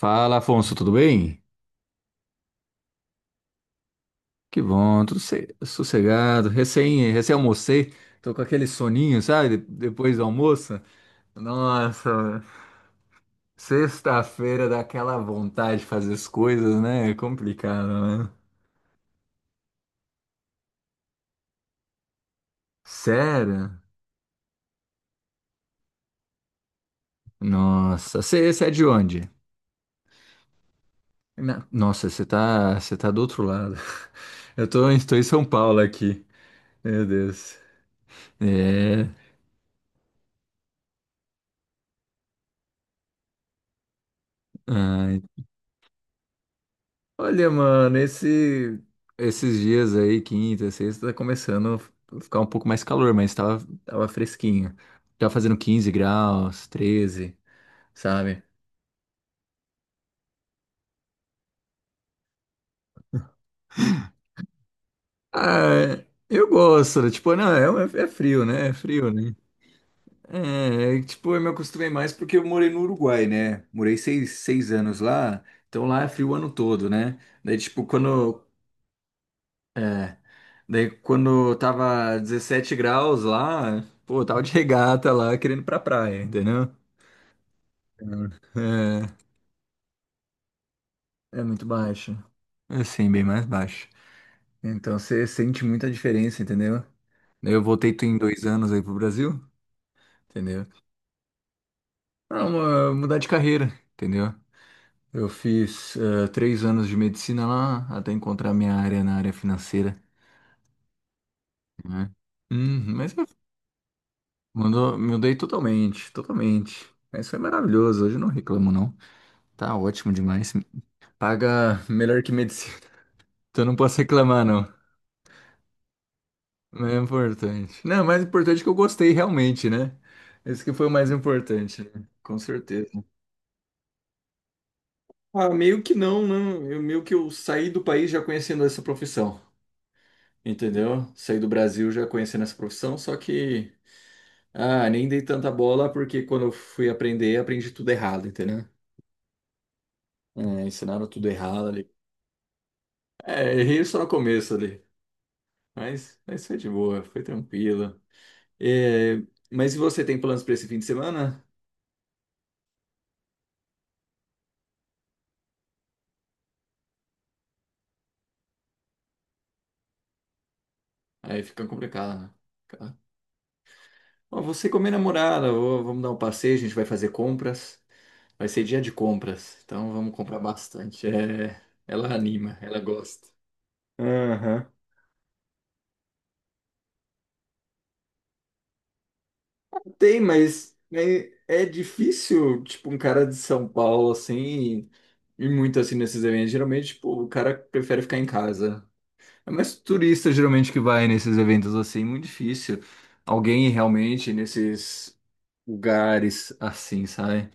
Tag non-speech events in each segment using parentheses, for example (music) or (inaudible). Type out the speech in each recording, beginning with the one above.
Fala, Afonso, tudo bem? Que bom, tudo sossegado. Recém almocei, tô com aquele soninho, sabe? Depois do almoço. Nossa, sexta-feira dá aquela vontade de fazer as coisas, né? É complicado, né? Sério? Nossa, você é de onde? Nossa, você tá do outro lado. (laughs) Eu tô em São Paulo aqui. Meu Deus. É. ah, Olha, mano, esses dias aí, quinta, sexta, tá começando a ficar um pouco mais calor, mas tava fresquinho. Tava fazendo 15 graus, 13, sabe? Ah, eu gosto, né? Tipo, não, é frio, né? É frio, né? Tipo, eu me acostumei mais porque eu morei no Uruguai, né? Morei seis anos lá, então lá é frio o ano todo, né? Daí, tipo, quando, é, Daí quando tava 17 graus lá, pô, eu tava de regata lá querendo ir pra praia, entendeu? É, é muito baixo. Assim, bem mais baixo. Então você sente muita diferença, entendeu? Daí eu voltei tu em 2 anos aí pro Brasil, entendeu? Pra mudar de carreira, entendeu? Eu fiz 3 anos de medicina lá até encontrar minha área na área financeira, né? Mas eu mudei totalmente, totalmente. Mas foi maravilhoso, hoje eu não reclamo, não. Tá ótimo demais. Paga melhor que medicina. (laughs) Então não posso reclamar, não. Mas é importante. Não, o mais importante é que eu gostei realmente, né? Esse que foi o mais importante, né? Com certeza. Ah, meio que não, né? Meio que eu saí do país já conhecendo essa profissão, entendeu? Saí do Brasil já conhecendo essa profissão, só que nem dei tanta bola porque quando eu fui aprender, aprendi tudo errado, entendeu? É, ensinaram tudo errado ali. É, errei só no começo ali, mas foi de boa, foi tranquilo. É, mas e você tem planos para esse fim de semana? Aí fica complicado, né? Fica- Ó, você com a minha namorada, ó, vamos dar um passeio, a gente vai fazer compras. Vai ser dia de compras, então vamos comprar bastante. É, ela anima, ela gosta. Aham. Tem, mas né, é difícil, tipo, um cara de São Paulo, assim, e muito assim nesses eventos. Geralmente, tipo, o cara prefere ficar em casa. É mais turista geralmente que vai nesses eventos assim, é muito difícil. Alguém ir realmente nesses lugares assim, sabe?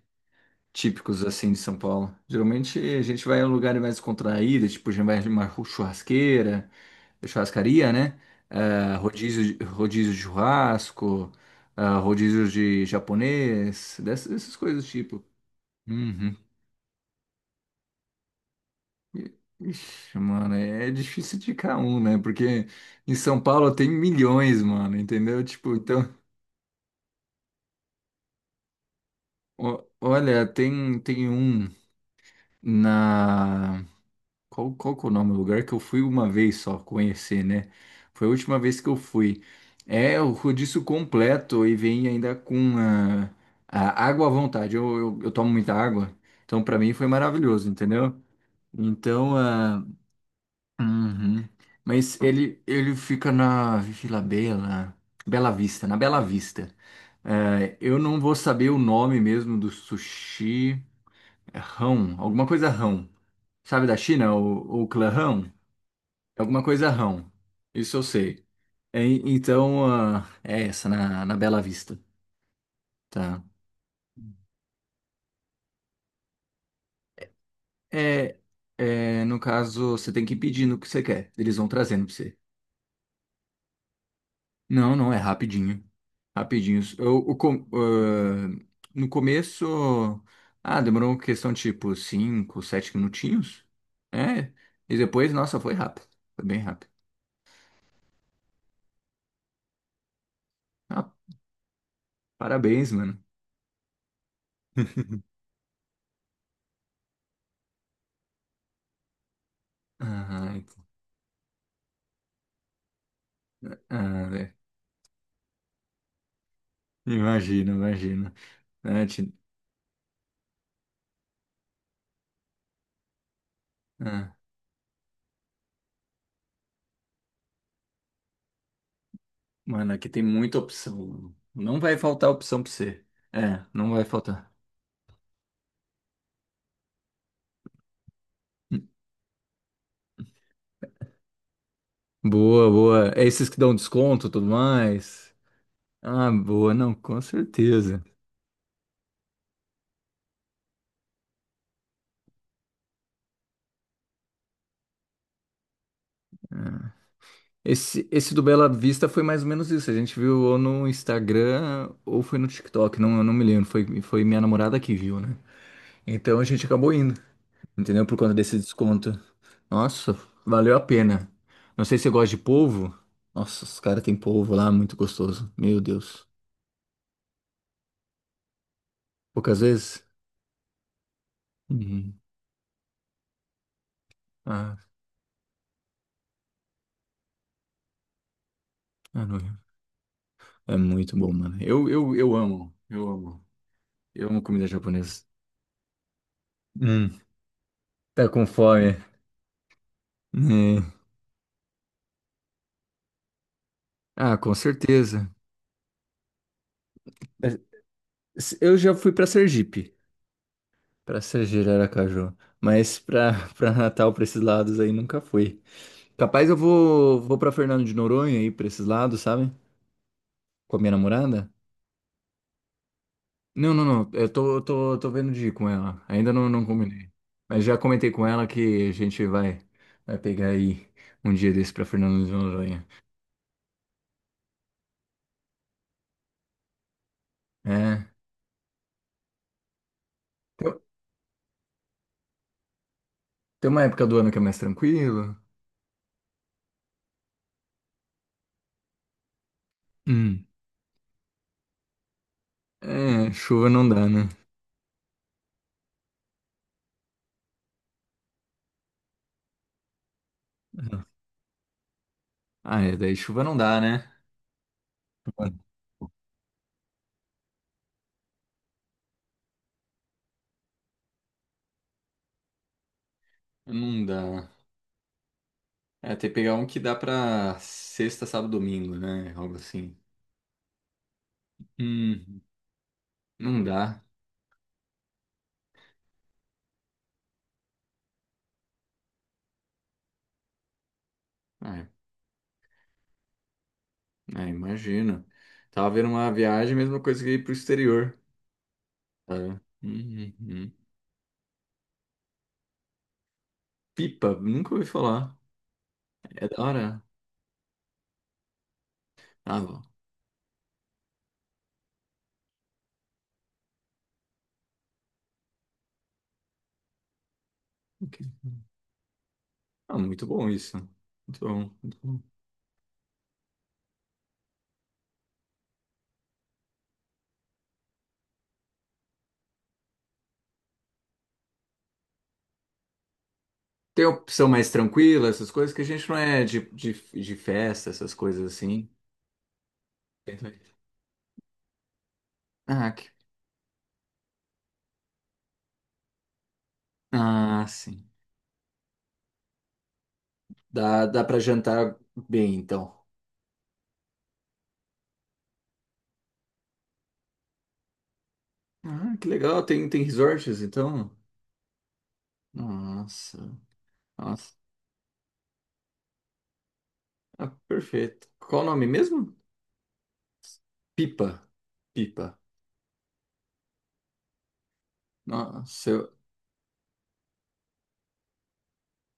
Típicos assim de São Paulo. Geralmente a gente vai a um lugar mais contraído, tipo, a gente vai numa churrascaria, né? Ah, rodízio, rodízio de churrasco, rodízio de japonês, dessas coisas tipo. Uhum. Ixi, mano, é difícil indicar um, né? Porque em São Paulo tem milhões, mano, entendeu? Tipo, então, olha, tem um na. Qual que é o nome do lugar que eu fui uma vez só conhecer, né? Foi a última vez que eu fui. É o rodízio completo e vem ainda com a água à vontade. Eu tomo muita água, então pra mim foi maravilhoso, entendeu? Então, uhum. Mas ele fica na Bela Vista, na Bela Vista. É, eu não vou saber o nome mesmo do sushi. É Rão, alguma coisa Rão. Sabe da China, o clã Rão? Alguma coisa Rão. Isso eu sei. É, então, é essa, na Bela Vista. Tá. É, no caso, você tem que ir pedindo o que você quer. Eles vão trazendo pra você. Não, não, é rapidinho. Rapidinho. Eu, o com- ah, No começo, demorou uma questão tipo 5, 7 minutinhos. É. E depois, nossa, foi rápido. Foi bem rápido. Ah, parabéns, mano. (laughs) Ah, ent- É, imagino, imagino. Ah, te- ah, Mano, aqui tem muita opção. Não vai faltar opção pra você. É, não vai faltar. Boa, boa. É esses que dão desconto e tudo mais. Ah, boa, não, com certeza. Esse do Bela Vista foi mais ou menos isso. A gente viu ou no Instagram ou foi no TikTok, não, eu não me lembro. Foi minha namorada que viu, né? Então a gente acabou indo, entendeu? Por conta desse desconto. Nossa, valeu a pena. Não sei se você gosta de polvo. Nossa, os caras têm polvo lá, muito gostoso. Meu Deus. Poucas vezes? Uhum. Ah, ah, não. É muito bom, mano. Eu amo, eu amo. Eu amo comida japonesa. Hum, tá com fome. É. Ah, com certeza. Eu já fui para Sergipe, Aracaju, mas para (laughs) para Natal, para esses lados aí nunca fui. Capaz eu vou para Fernando de Noronha aí para esses lados, sabe? Com a minha namorada? Não, não, não. Eu tô vendo de ir com ela. Ainda não combinei. Mas já comentei com ela que a gente vai pegar aí um dia desse para Fernando de Noronha. É. Tem tem uma época do ano que é mais tranquilo. Hum. É, chuva não dá, né? Ah, é, daí chuva não dá, né? Mano, não dá. É, tem que pegar um que dá pra sexta, sábado, domingo, né? Algo assim. Hum, não dá. Ah, é, imagino. Tava vendo uma viagem, mesma coisa que ir pro exterior, sabe? Pipa, nunca ouvi falar. É da hora. Ah, bom. Ok. Ah, muito bom isso. Muito bom, muito bom. Tem opção mais tranquila, essas coisas, que a gente não é de festa, essas coisas assim. Entendi. Ah, que Ah, sim. Dá para jantar bem, então. Ah, que legal. Tem resorts, então? Nossa, nossa. Ah, perfeito. Qual o nome mesmo? Pipa. Pipa. Nossa, eu,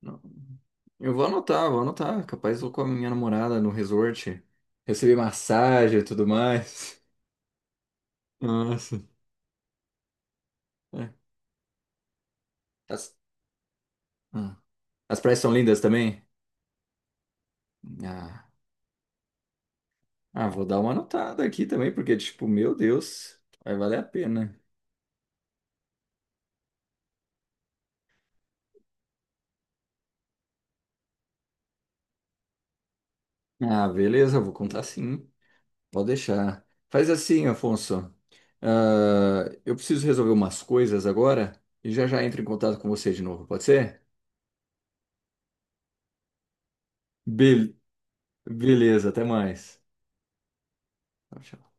não. Eu vou anotar, vou anotar. Capaz eu vou com a minha namorada no resort. Receber massagem e tudo mais. (laughs) Nossa. É. As, ah. As praias são lindas também? Ah, Vou dar uma anotada aqui também, porque, tipo, meu Deus, vai valer a pena. Ah, beleza, eu vou contar sim. Pode deixar. Faz assim, Afonso. Ah, eu preciso resolver umas coisas agora e já já entro em contato com você de novo, pode ser? Bel- Beleza, até mais. Tchau, tchau.